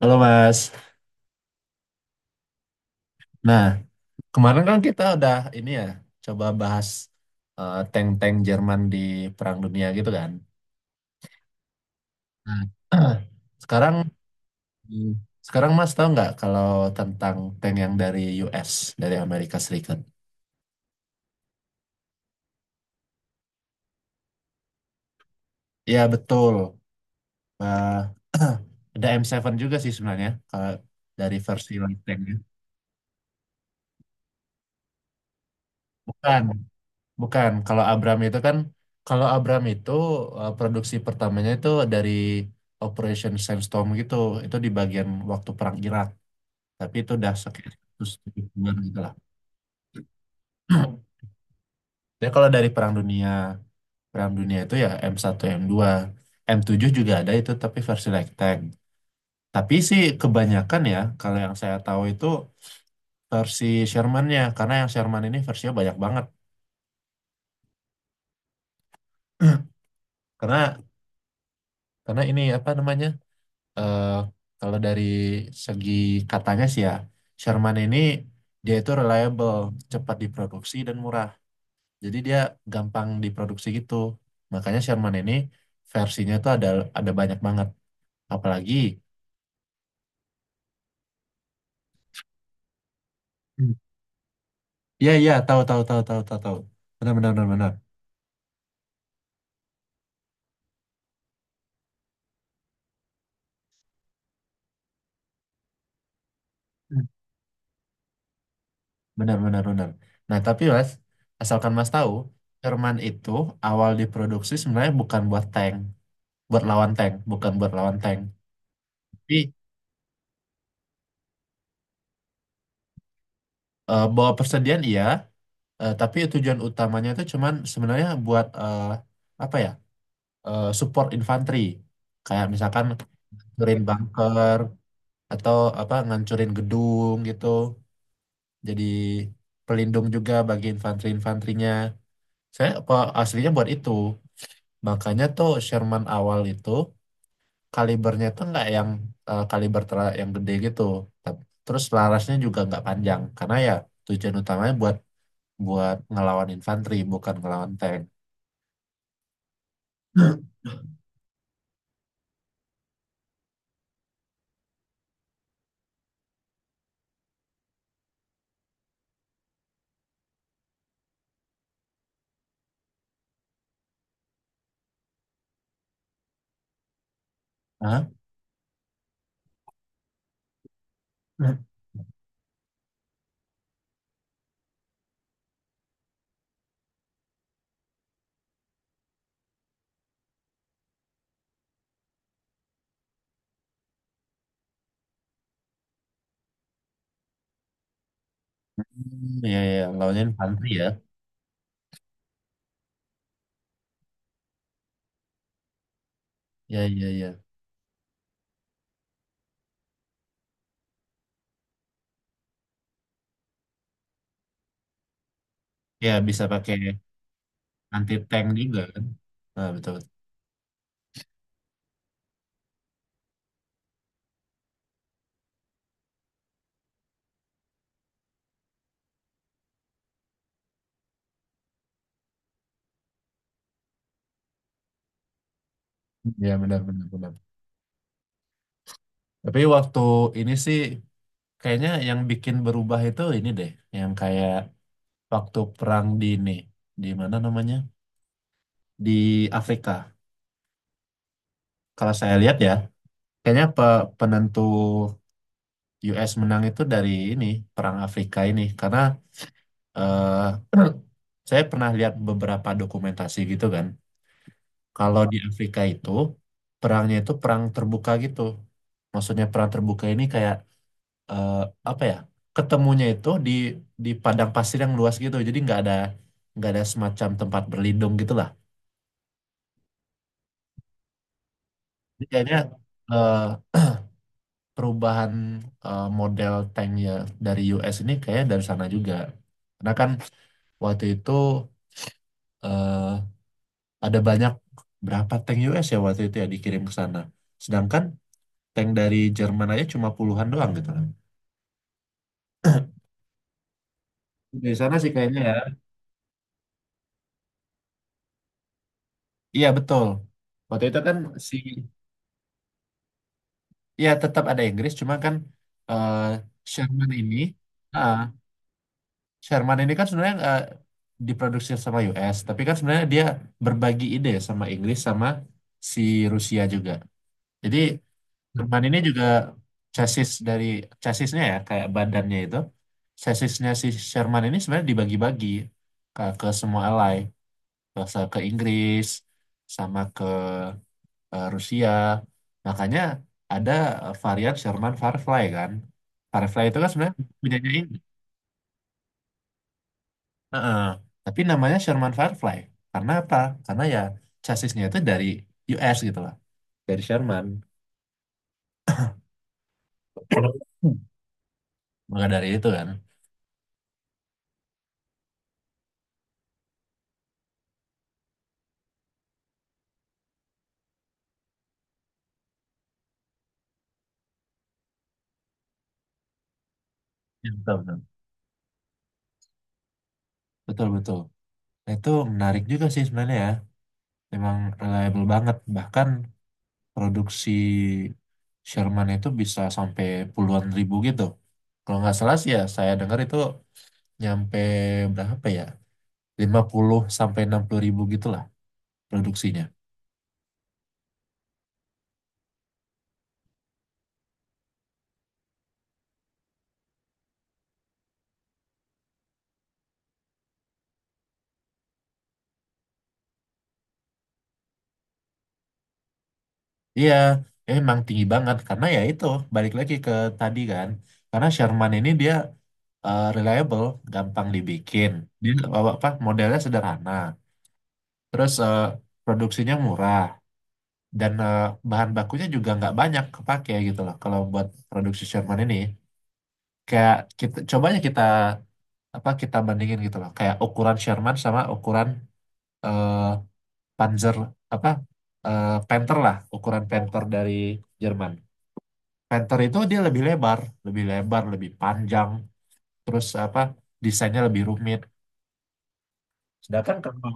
Halo Mas. Nah, kemarin kan kita udah ini ya, coba bahas tank-tank Jerman di Perang Dunia gitu kan. Nah, sekarang. Hmm. Sekarang Mas tahu nggak kalau tentang tank yang dari US, dari Amerika Serikat? Ya betul. Eh, ada M7 juga sih sebenarnya, kalau dari versi light tanknya. Bukan. Bukan, kalau Abram itu kan, kalau Abram itu produksi pertamanya itu dari Operation Sandstorm gitu, itu di bagian waktu Perang Irak, tapi itu udah sekitar 170 bulan gitu lah. Jadi kalau dari Perang Dunia, Perang Dunia itu ya M1, M2, M7 juga ada itu tapi versi light tank. Tapi sih kebanyakan ya, kalau yang saya tahu itu versi Sherman-nya, karena yang Sherman ini versinya banyak banget. Karena karena ini apa namanya? eh, kalau dari segi katanya sih ya, Sherman ini dia itu reliable, cepat diproduksi dan murah. Jadi dia gampang diproduksi gitu. Makanya Sherman ini versinya tuh ada banyak banget. Apalagi, hmm, iya iya tahu tahu tahu tahu tahu tahu. Benar benar benar benar. Hmm. Benar, benar, benar. Nah, tapi Mas, asalkan Mas tahu, Sherman itu awal diproduksi sebenarnya bukan buat tank, buat lawan tank, bukan buat lawan tank. Tapi bawa persediaan iya. Eh, tapi tujuan utamanya itu cuman sebenarnya buat apa ya? Support infanteri. Kayak misalkan ngancurin bunker atau apa ngancurin gedung gitu. Jadi pelindung juga bagi infanteri-infanterinya. Saya apa aslinya buat itu. Makanya tuh Sherman awal itu kalibernya tuh nggak yang kaliber yang gede gitu. Tap- Terus larasnya juga nggak panjang karena ya tujuan utamanya buat buat ngelawan infanteri bukan ngelawan tank. Hah? Hmm, ya, iya, lawannya infanteri ya. Ya, ya, ya, ya bisa pakai anti tank juga kan. Nah, betul. Betul. Iya, benar, benar, benar. Tapi waktu ini sih kayaknya yang bikin berubah itu ini deh, yang kayak waktu perang di ini, di mana namanya? Di Afrika. Kalau saya lihat ya, kayaknya penentu US menang itu dari ini, perang Afrika ini. Karena eh, saya pernah lihat beberapa dokumentasi gitu kan. Kalau di Afrika itu perangnya itu perang terbuka gitu. Maksudnya perang terbuka ini kayak eh, apa ya? Ketemunya itu di padang pasir yang luas gitu. Jadi nggak ada semacam tempat berlindung gitulah. Jadi kayaknya eh, perubahan model tanknya dari US ini kayaknya dari sana juga. Karena kan waktu itu eh, ada banyak berapa tank US ya waktu itu ya dikirim ke sana. Sedangkan tank dari Jerman aja cuma puluhan doang gitu kan. Di sana sih kayaknya ya. Iya betul. Waktu itu kan si ya tetap ada Inggris cuma kan eh, Sherman ini ah, Sherman ini kan sebenarnya diproduksi sama US tapi kan sebenarnya dia berbagi ide sama Inggris sama si Rusia juga. Jadi Sherman ini juga chassis dari chassisnya ya kayak badannya itu chassisnya si Sherman ini sebenarnya dibagi-bagi ke semua ally ke, ke Inggris sama ke Rusia. Makanya ada varian Sherman Firefly kan. Firefly itu kan sebenarnya punyanya ini. Heeh. Tapi namanya Sherman Firefly. Karena apa? Karena ya chassisnya itu dari US gitu lah. Dari Sherman. Maka dari itu kan. Iya, betul, betul. Betul, betul. Nah, itu menarik juga sih sebenarnya ya. Memang reliable banget. Bahkan produksi Sherman itu bisa sampai puluhan ribu gitu. Kalau nggak salah sih ya, saya dengar itu nyampe berapa ya? 50 sampai 60 ribu gitulah produksinya. Iya, emang tinggi banget karena ya itu balik lagi ke tadi kan. Karena Sherman ini dia reliable, gampang dibikin. Dia apa modelnya sederhana. Terus produksinya murah dan bahan bakunya juga nggak banyak kepake gitu loh kalau buat produksi Sherman ini. Kayak kita cobanya kita apa kita bandingin gitu loh. Kayak ukuran Sherman sama ukuran eh, Panzer apa Panther lah ukuran Panther dari Jerman. Panther itu dia lebih lebar, lebih panjang, terus apa desainnya lebih rumit. Sedangkan kalau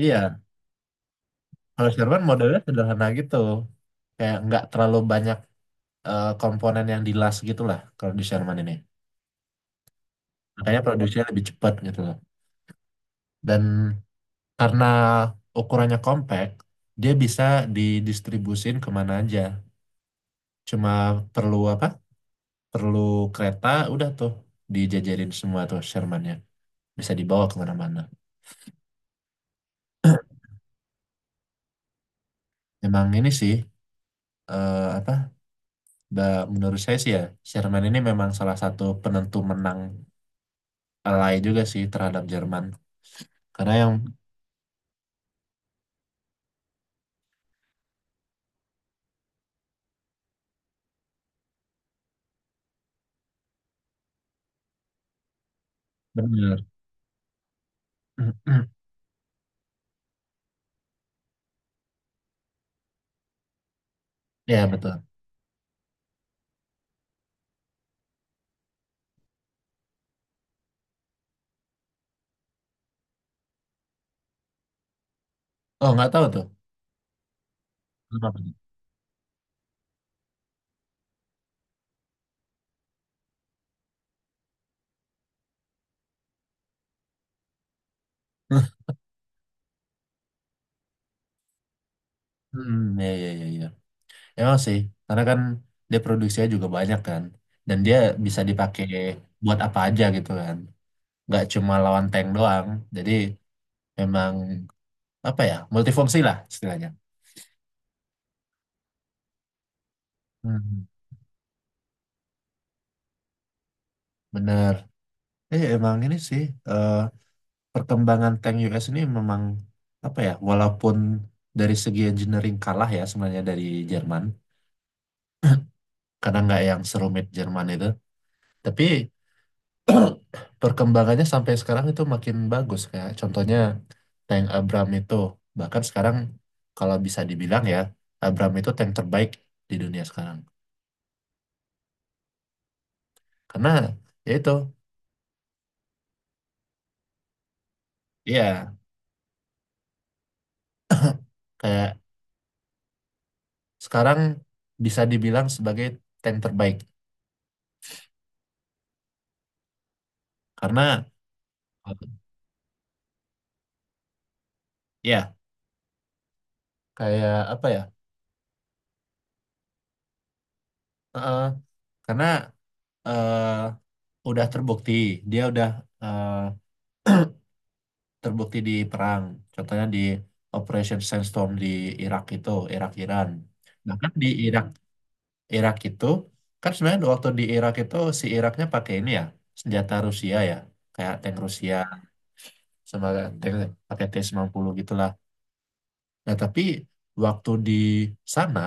iya kalau Jerman modelnya sederhana gitu, kayak nggak terlalu banyak komponen yang dilas gitu lah kalau di Jerman ini. Makanya produksinya lebih cepat gitu loh. Dan karena ukurannya compact, dia bisa didistribusin kemana aja. Cuma perlu apa? Perlu kereta udah tuh dijajarin semua tuh Sherman-nya bisa dibawa kemana-mana memang ini sih apa menurut saya sih ya Sherman ini memang salah satu penentu menang Alai juga sih terhadap Jerman karena yang benar. Ya betul. Oh, nggak tahu tuh. Kenapa tuh? Hmm, ya, ya, ya, ya. Emang sih, karena kan dia produksinya juga banyak kan, dan dia bisa dipakai buat apa aja gitu kan. Nggak cuma lawan tank doang, jadi memang apa ya multifungsi lah istilahnya. Hmm, bener emang ini sih eh, perkembangan tank US ini memang apa ya walaupun dari segi engineering kalah ya sebenarnya dari Jerman karena nggak yang serumit Jerman itu tapi perkembangannya sampai sekarang itu makin bagus kayak contohnya tank Abram itu bahkan sekarang kalau bisa dibilang ya Abram itu tank terbaik di dunia sekarang karena ya itu iya kayak sekarang bisa dibilang sebagai tank terbaik karena eh, ya kayak apa ya eh, karena eh, udah terbukti dia udah eh, terbukti di perang contohnya di Operation Sandstorm di Irak itu Irak Iran nah kan di Irak Irak itu kan sebenarnya waktu di Irak itu si Iraknya pakai ini ya senjata Rusia ya kayak tank Rusia sebagai tank pakai T-90 gitu. Nah, tapi waktu di sana,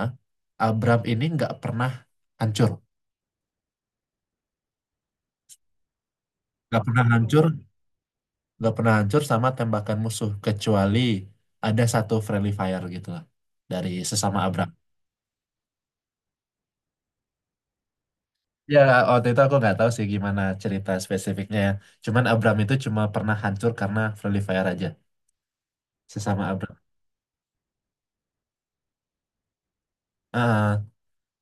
Abram ini nggak pernah hancur. Nggak pernah hancur, nggak pernah hancur sama tembakan musuh. Kecuali ada satu friendly fire gitu lah. Dari sesama Abram. Ya, waktu itu aku nggak tahu sih gimana cerita spesifiknya ya. Cuman Abram itu cuma pernah hancur karena friendly fire aja. Sesama Abram. Ah,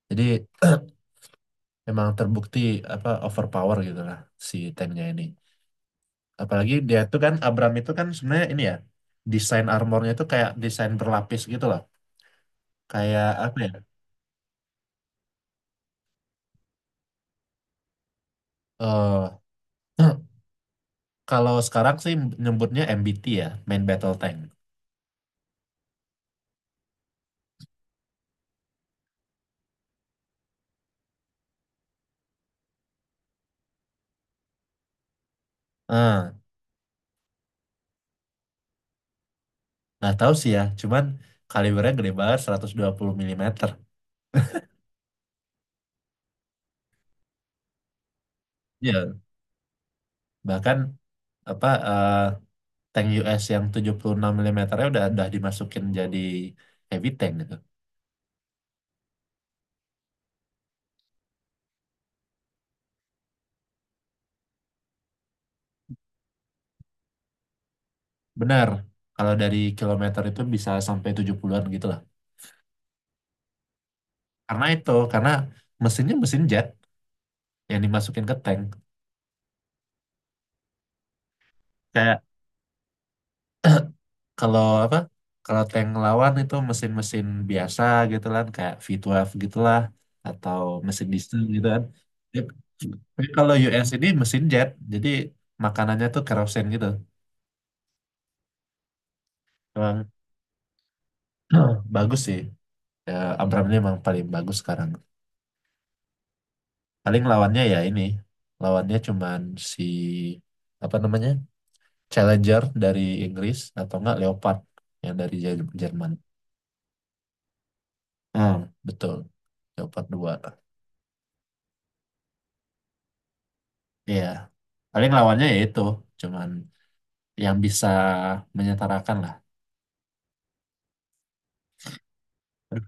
jadi emang terbukti apa overpower gitu lah si tanknya ini. Apalagi dia tuh kan Abram itu kan sebenarnya ini ya desain armornya itu kayak desain berlapis gitu loh. Kayak apa ya? eh kalau sekarang sih nyebutnya MBT ya, main battle tank. Ah, nggak tahu sih ya, cuman kalibernya gede banget 120 mm. Ya, bahkan apa tank US yang 76 mm-nya udah dimasukin jadi heavy tank gitu. Benar. Kalau dari kilometer itu bisa sampai 70-an gitu lah. Karena itu, karena mesinnya mesin jet yang dimasukin ke tank kayak kalau apa kalau tank lawan itu mesin-mesin biasa gitu kan kayak V12 gitulah atau mesin diesel gitu kan Dia- tapi kalau US ini mesin jet jadi makanannya tuh kerosen gitu emang bagus sih ya, Abrams ini emang paling bagus sekarang paling lawannya ya ini lawannya cuman si apa namanya Challenger dari Inggris atau enggak Leopard yang dari Jerman. Hmm, betul, Leopard 2. Iya, paling lawannya ya itu, cuman yang bisa menyetarakan lah. Aduh,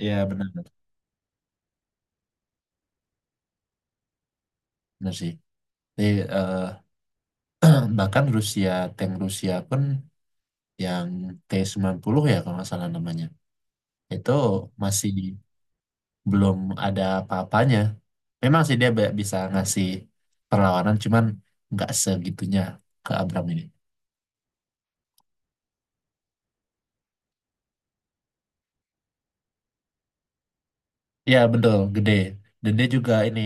iya benar, benar sih. Jadi, eh, bahkan Rusia, tank Rusia pun yang T-90 ya kalau nggak salah namanya, itu masih belum ada apa-apanya. Memang sih dia bisa ngasih perlawanan, cuman nggak segitunya ke Abram ini. Iya betul, gede. Dan dia juga ini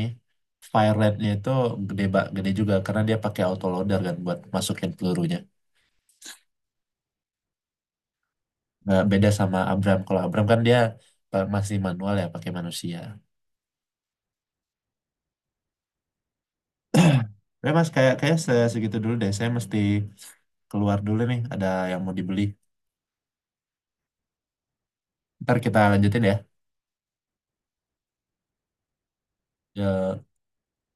fire rate-nya itu gede, gede juga karena dia pakai autoloader kan buat masukin pelurunya. Nah, beda sama Abram. Kalau Abram kan dia masih manual ya, pakai manusia. Ya mas, kayak kayak segitu dulu deh. Saya mesti keluar dulu nih. Ada yang mau dibeli. Ntar kita lanjutin ya. Ya,